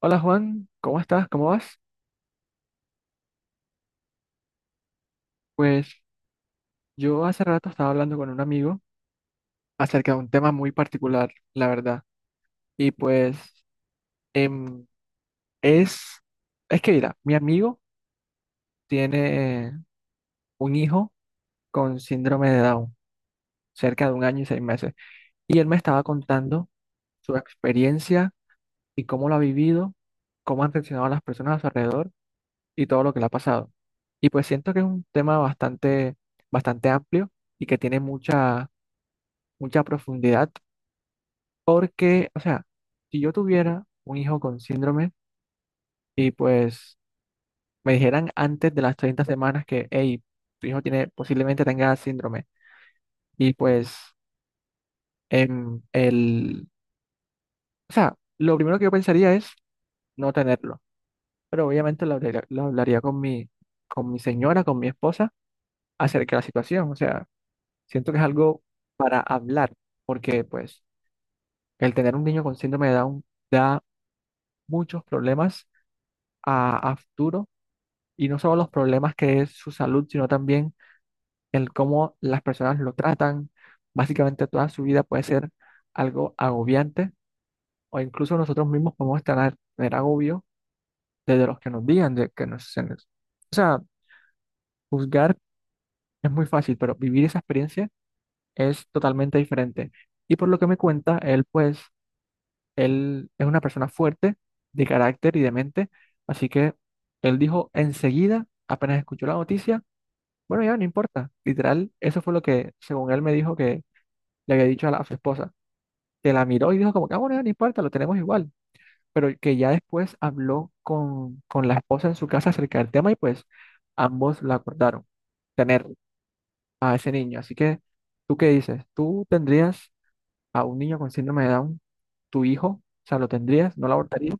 Hola Juan, ¿cómo estás? ¿Cómo vas? Pues yo hace rato estaba hablando con un amigo acerca de un tema muy particular, la verdad. Y pues em, es, es que mira, mi amigo tiene un hijo con síndrome de Down, cerca de un año y seis meses. Y él me estaba contando su experiencia y cómo lo ha vivido, cómo han reaccionado las personas a su alrededor y todo lo que le ha pasado. Y pues siento que es un tema bastante, bastante amplio y que tiene mucha profundidad, porque, o sea, si yo tuviera un hijo con síndrome y pues me dijeran antes de las 30 semanas que, hey, tu hijo tiene, posiblemente tenga síndrome, y pues em, el, o sea, lo primero que yo pensaría es no tenerlo, pero obviamente lo hablaría con mi señora, con mi esposa, acerca de la situación, o sea, siento que es algo para hablar, porque pues el tener un niño con síndrome de Down da muchos problemas a futuro. Y no solo los problemas que es su salud, sino también el cómo las personas lo tratan. Básicamente toda su vida puede ser algo agobiante o incluso nosotros mismos podemos tener agobio desde los que nos digan de que o sea, juzgar es muy fácil, pero vivir esa experiencia es totalmente diferente. Y por lo que me cuenta, él es una persona fuerte de carácter y de mente, así que él dijo enseguida, apenas escuchó la noticia, bueno, ya no importa. Literal, eso fue lo que, según él, me dijo que le había dicho a su esposa. Que la miró y dijo como que, ah, bueno, ya no importa, lo tenemos igual. Pero que ya después habló con la esposa en su casa acerca del tema y pues ambos la acordaron, tener a ese niño. Así que, ¿tú qué dices? ¿Tú tendrías a un niño con síndrome de Down, tu hijo? O sea, ¿lo tendrías? ¿No lo abortarías?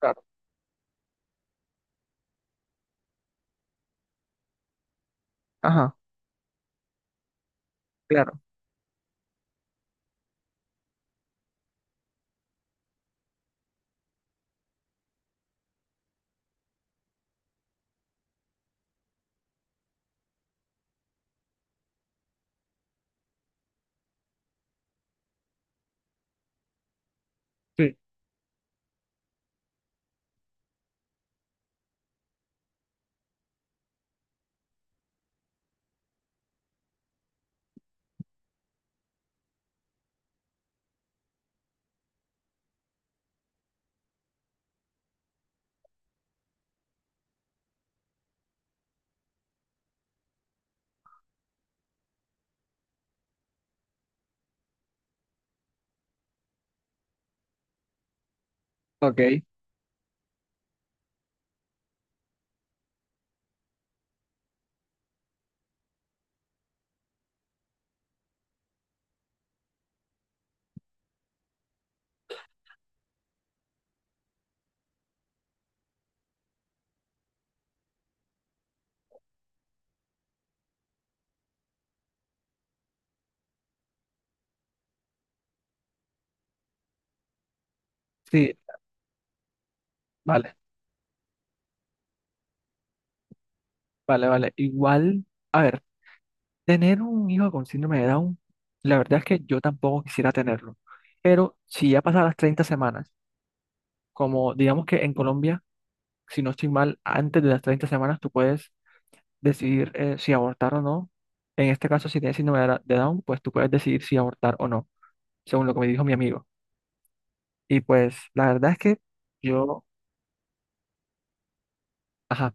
Claro. Ajá, claro. Sí. Ok, sí, vale, vale, vale. Igual, a ver. Tener un hijo con síndrome de Down, la verdad es que yo tampoco quisiera tenerlo. Pero si ya pasan las 30 semanas, como digamos que en Colombia, si no estoy mal, antes de las 30 semanas tú puedes decidir si abortar o no. En este caso, si tienes síndrome de de Down, pues tú puedes decidir si abortar o no, según lo que me dijo mi amigo. Y pues la verdad es que yo, ajá,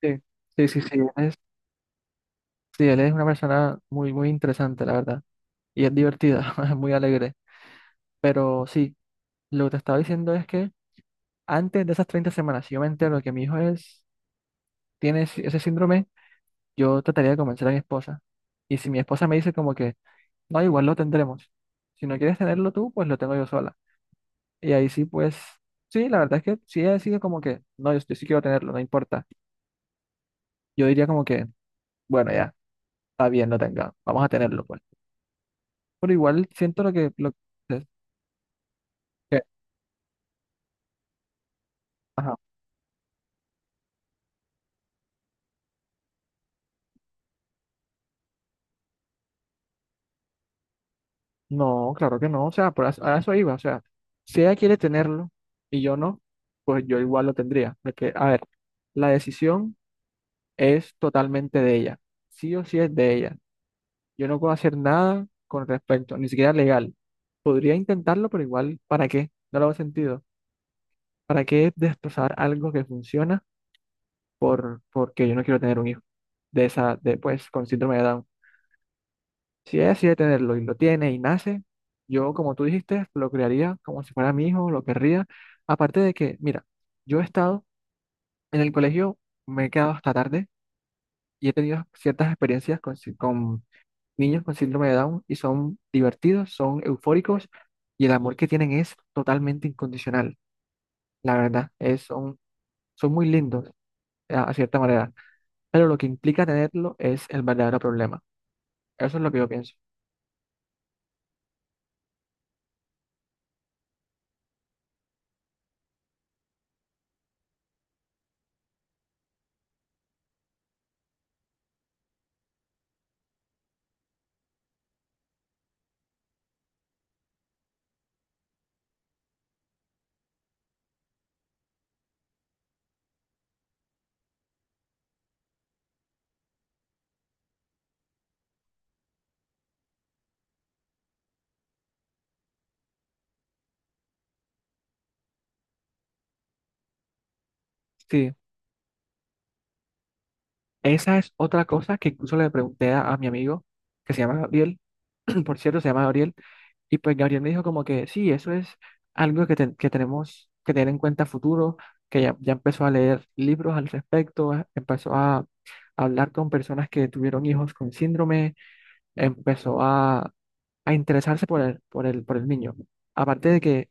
sí, sí, sí, sí, él es, sí, él es una persona muy, muy interesante, la verdad. Y es divertida, es muy alegre. Pero sí, lo que te estaba diciendo es que antes de esas 30 semanas, si yo me entero que mi hijo tiene ese síndrome, yo trataría de convencer a mi esposa. Y si mi esposa me dice como que, no, igual lo tendremos. Si no quieres tenerlo tú, pues lo tengo yo sola. Y ahí sí, pues, sí, la verdad es que si ella decide como que, no, yo sí quiero tenerlo, no importa. Yo diría como que, bueno, ya, está bien, lo tenga, vamos a tenerlo, pues. Pero igual siento que, que- ajá. No, claro que no, o sea, a eso iba, o sea, si ella quiere tenerlo y yo no, pues yo igual lo tendría, porque, a ver, la decisión es totalmente de ella, sí o sí es de ella, yo no puedo hacer nada con respecto, ni siquiera legal, podría intentarlo, pero igual, ¿para qué? No le hago sentido, ¿para qué destrozar algo que funciona porque yo no quiero tener un hijo de esa, de, pues, con síndrome de Down? Si ella decide tenerlo y lo tiene y nace, yo, como tú dijiste, lo criaría como si fuera mi hijo, lo querría. Aparte de que, mira, yo he estado en el colegio, me he quedado hasta tarde y he tenido ciertas experiencias con niños con síndrome de Down y son divertidos, son eufóricos y el amor que tienen es totalmente incondicional. La verdad, son muy lindos a cierta manera, pero lo que implica tenerlo es el verdadero problema. Eso es lo que yo pienso. Sí. Esa es otra cosa que incluso le pregunté a mi amigo, que se llama Gabriel, por cierto, se llama Gabriel, y pues Gabriel me dijo como que sí, eso es algo que, que tenemos que tener en cuenta a futuro, que ya empezó a leer libros al respecto, empezó a hablar con personas que tuvieron hijos con síndrome, empezó a interesarse por el niño. Aparte de que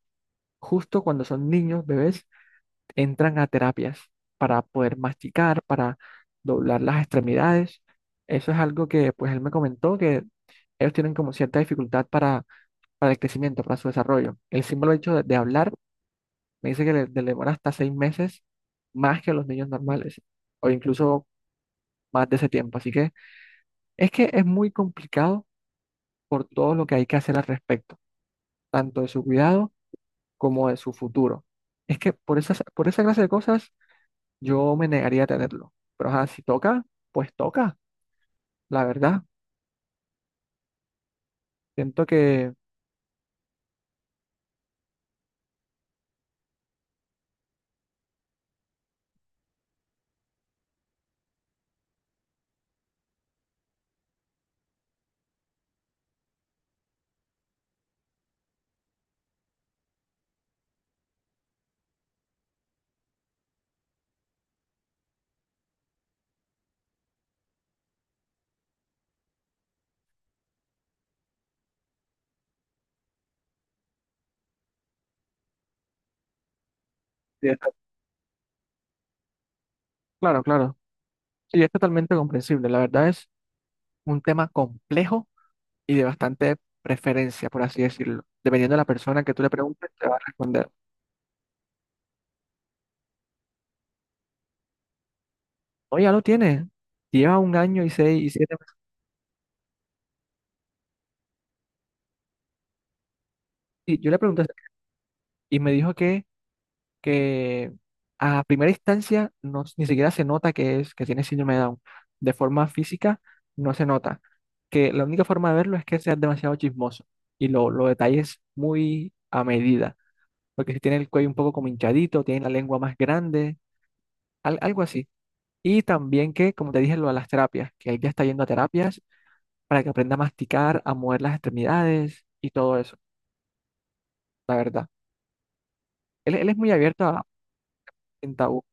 justo cuando son niños, bebés, entran a terapias para poder masticar, para doblar las extremidades. Eso es algo que pues él me comentó que ellos tienen como cierta dificultad para el crecimiento, para su desarrollo. El símbolo hecho de hablar me dice que le demora hasta seis meses más que los niños normales o incluso más de ese tiempo. Así que es muy complicado por todo lo que hay que hacer al respecto, tanto de su cuidado como de su futuro. Es que por esa clase de cosas yo me negaría a tenerlo. Pero ajá, si toca, pues toca, la verdad. Siento que... Sí, claro, claro. Y es totalmente comprensible. La verdad es un tema complejo y de bastante preferencia, por así decirlo. Dependiendo de la persona que tú le preguntes, te va a responder. No, ya lo tiene. Lleva un año y seis y siete meses. Y yo le pregunté y me dijo que que a primera instancia no, ni siquiera se nota que, que tiene síndrome de Down. De forma física no se nota. Que la única forma de verlo es que seas demasiado chismoso y lo detalles muy a medida. Porque si tiene el cuello un poco como hinchadito, tiene la lengua más grande, algo así. Y también que, como te dije, lo de las terapias, que él ya está yendo a terapias para que aprenda a masticar, a mover las extremidades y todo eso, la verdad. Él es muy abierto en tabú.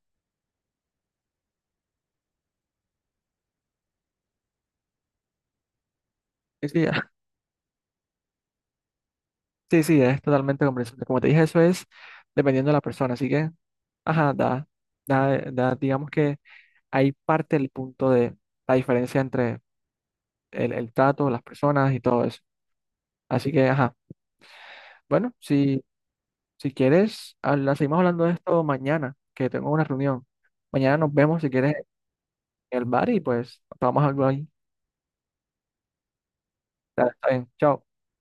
Sí, sí, es totalmente comprensible. Como te dije, eso es dependiendo de la persona. Así que, ajá, digamos que ahí parte el punto de la diferencia entre el trato, las personas y todo eso. Así que, ajá, bueno, si quieres, seguimos hablando de esto mañana, que tengo una reunión. Mañana nos vemos si quieres en el bar y pues vamos a algo ahí. Dale, está bien, chao.